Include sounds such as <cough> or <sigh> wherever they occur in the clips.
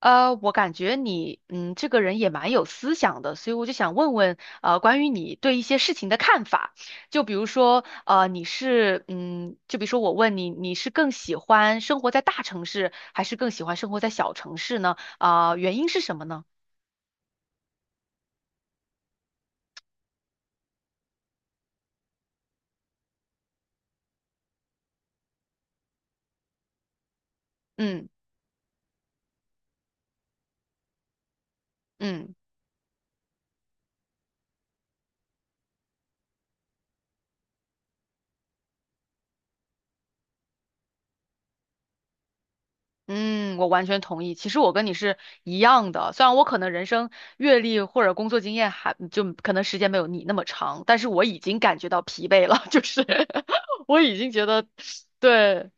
我感觉你，这个人也蛮有思想的，所以我就想问问，关于你对一些事情的看法。就比如说，你是，嗯，就比如说我问你，你是更喜欢生活在大城市，还是更喜欢生活在小城市呢？啊、原因是什么呢？嗯嗯。嗯，我完全同意。其实我跟你是一样的，虽然我可能人生阅历或者工作经验还就可能时间没有你那么长，但是我已经感觉到疲惫了，<laughs> 就是 <laughs> 我已经觉得，对，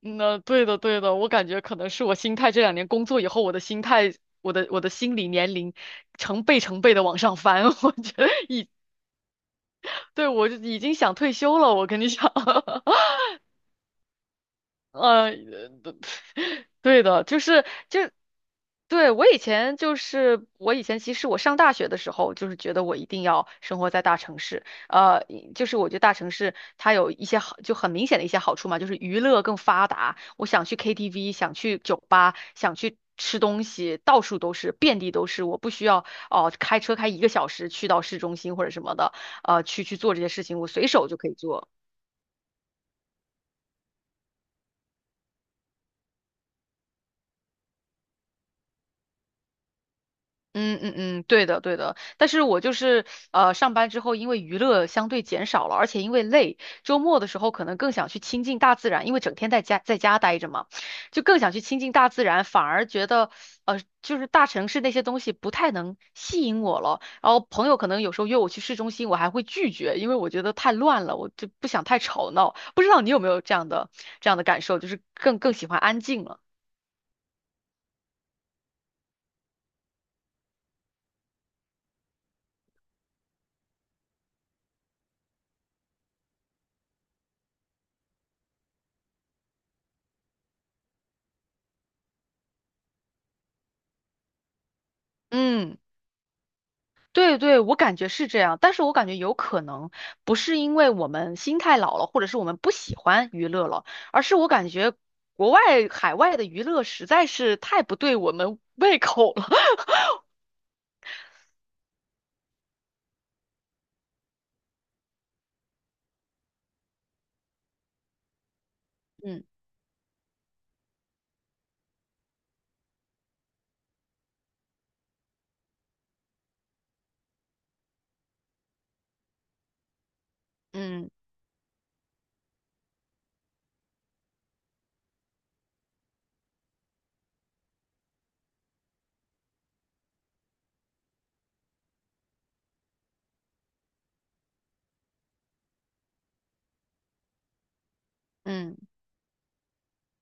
那对的对的，我感觉可能是我心态这2年工作以后，我的心态，我的心理年龄成倍成倍的往上翻，<laughs> 我觉得，对，我就已经想退休了，我跟你讲。<laughs> 呃，<laughs> 对的，就是对，我以前其实我上大学的时候就是觉得我一定要生活在大城市，就是我觉得大城市它有一些很明显的一些好处嘛，就是娱乐更发达，我想去 KTV，想去酒吧，想去吃东西，到处都是，遍地都是，我不需要开车开一个小时去到市中心或者什么的，去做这些事情，我随手就可以做。嗯嗯嗯，对的对的，但是我就是上班之后，因为娱乐相对减少了，而且因为累，周末的时候可能更想去亲近大自然，因为整天在家待着嘛，就更想去亲近大自然，反而觉得就是大城市那些东西不太能吸引我了。然后朋友可能有时候约我去市中心，我还会拒绝，因为我觉得太乱了，我就不想太吵闹。不知道你有没有这样的感受，就是更喜欢安静了。嗯。对对，我感觉是这样，但是我感觉有可能不是因为我们心态老了，或者是我们不喜欢娱乐了，而是我感觉国外海外的娱乐实在是太不对我们胃口了。<laughs> 嗯嗯嗯。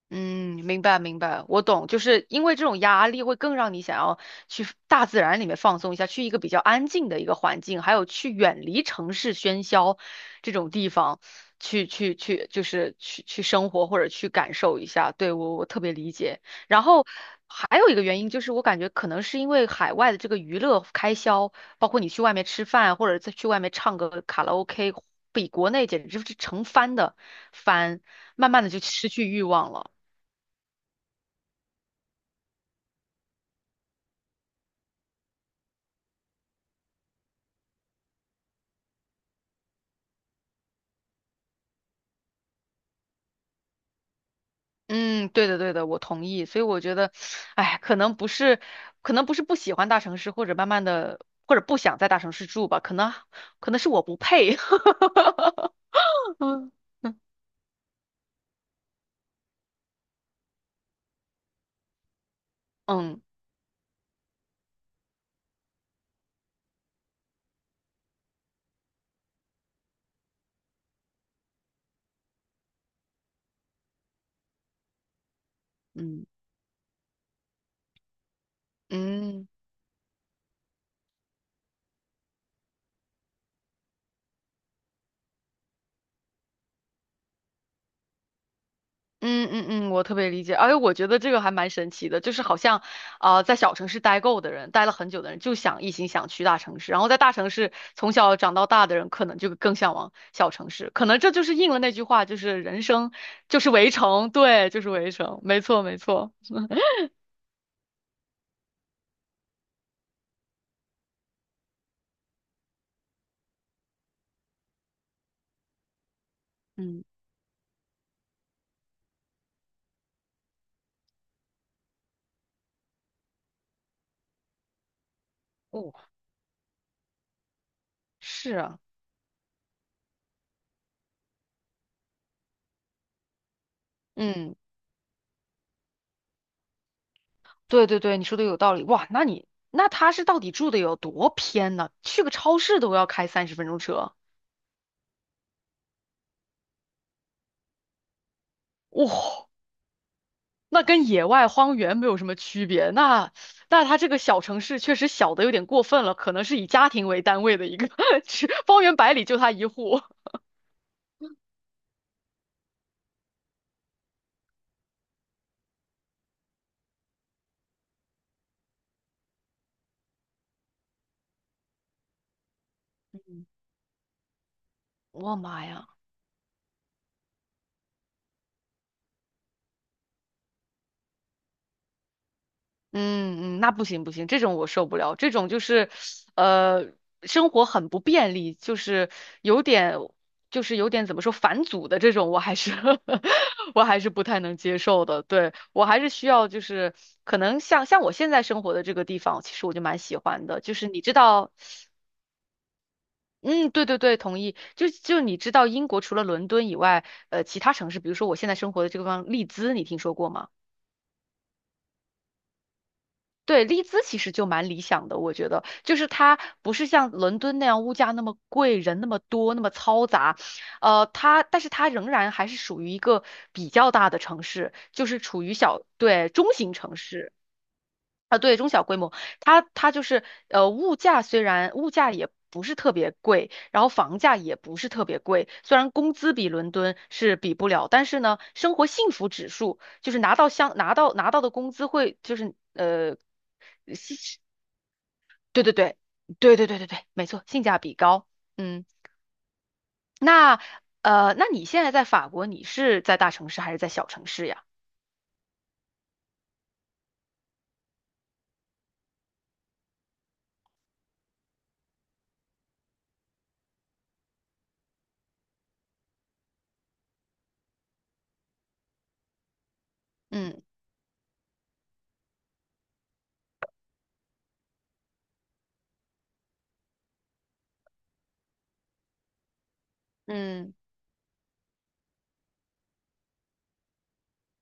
嗯，明白明白，我懂，就是因为这种压力会更让你想要去大自然里面放松一下，去一个比较安静的一个环境，还有去远离城市喧嚣这种地方，去去去，就是去生活或者去感受一下。对，我特别理解。然后还有一个原因就是，我感觉可能是因为海外的这个娱乐开销，包括你去外面吃饭或者再去外面唱个卡拉 OK，比国内简直是成翻的翻，慢慢的就失去欲望了。嗯，对的，对的，我同意。所以我觉得，哎，可能不是不喜欢大城市，或者慢慢的，或者不想在大城市住吧，可能是我不配。<laughs> 嗯嗯嗯。嗯嗯嗯嗯，我特别理解，而且我觉得这个还蛮神奇的，就是好像，啊，在小城市待够的人，待了很久的人，一心想去大城市，然后在大城市从小长到大的人，可能就更向往小城市，可能这就是应了那句话，就是人生就是围城，对，就是围城，没错没错，<laughs> 嗯，哦，是啊，嗯，对对对，你说的有道理，哇，那他是到底住的有多偏呢？去个超市都要开30分钟车，哇、那跟野外荒原没有什么区别。那它这个小城市确实小的有点过分了，可能是以家庭为单位的一个 <laughs>，是方圆百里就它一户。嗯，我妈呀！嗯嗯，那不行不行，这种我受不了，这种就是，呃，生活很不便利，有点，就是有点怎么说返祖的这种，我还是 <laughs> 我还是不太能接受的。对，我还是需要，就是可能像我现在生活的这个地方，其实我就蛮喜欢的，就是你知道，嗯，对对对，同意。就你知道，英国除了伦敦以外，其他城市，比如说我现在生活的这个地方，利兹，你听说过吗？对，利兹其实就蛮理想的，我觉得，就是它不是像伦敦那样物价那么贵，人那么多，那么嘈杂，但是它仍然还是属于一个比较大的城市，就是处于小，对，中型城市。它就是虽然物价也不是特别贵，然后房价也不是特别贵，虽然工资比伦敦是比不了，但是呢，生活幸福指数就是拿到相拿到拿到的工资会就是。对对对，对对对对对，没错，性价比高。嗯，那那你现在在法国，你是在大城市还是在小城市呀？嗯嗯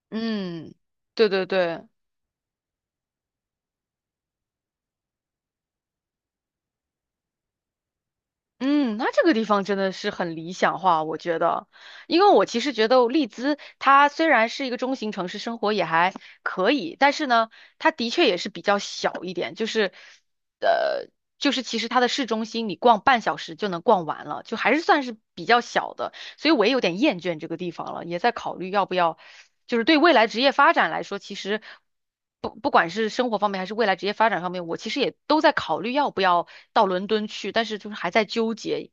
嗯，对对对，嗯，那这个地方真的是很理想化，我觉得，因为我其实觉得利兹它虽然是一个中型城市，生活也还可以，但是呢，它的确也是比较小一点，呃，就是其实它的市中心你逛半小时就能逛完了，就还是算是比较小的。所以我也有点厌倦这个地方了，也在考虑要不要，就是对未来职业发展来说，其实不管是生活方面还是未来职业发展方面，我其实也都在考虑要不要到伦敦去，但是就是还在纠结。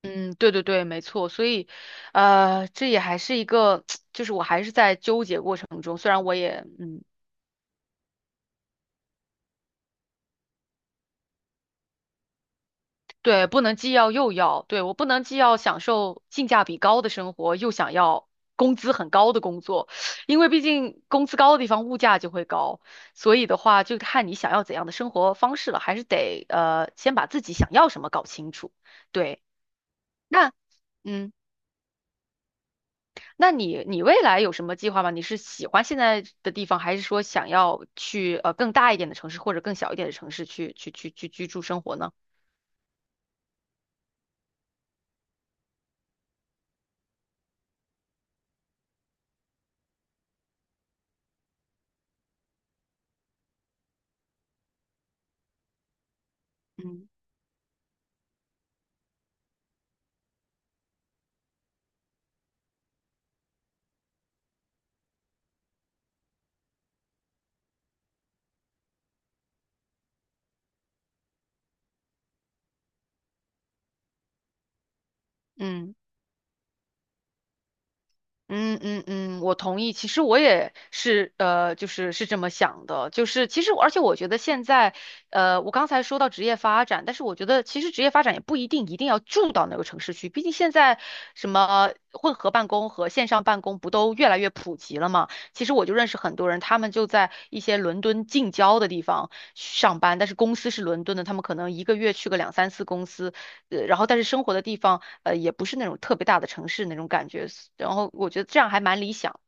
嗯，对对对，没错，所以，这也还是一个，<tsk> 就是我还是在纠结过程中，虽然我也嗯。对，不能既要又要，对，我不能既要享受性价比高的生活，又想要工资很高的工作，因为毕竟工资高的地方物价就会高，所以的话就看你想要怎样的生活方式了，还是得先把自己想要什么搞清楚。对，那嗯，那你未来有什么计划吗？你是喜欢现在的地方，还是说想要去更大一点的城市或者更小一点的城市去居住生活呢？嗯嗯。嗯嗯嗯，我同意。其实我也是，就是这么想的。就是其实我，而且我觉得现在，我刚才说到职业发展，但是我觉得其实职业发展也不一定一定要住到那个城市去。毕竟现在什么混合办公和线上办公不都越来越普及了嘛？其实我就认识很多人，他们就在一些伦敦近郊的地方上班，但是公司是伦敦的，他们可能一个月去个两三次公司，然后但是生活的地方。也不是那种特别大的城市那种感觉。然后我觉得这样还蛮理想。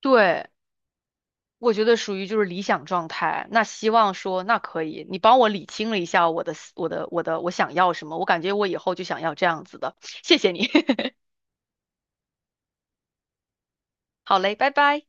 对，我觉得属于就是理想状态。那希望说，那可以，你帮我理清了一下我的思我的、我的，我想要什么？我感觉我以后就想要这样子的。谢谢你。<laughs> 好嘞，拜拜。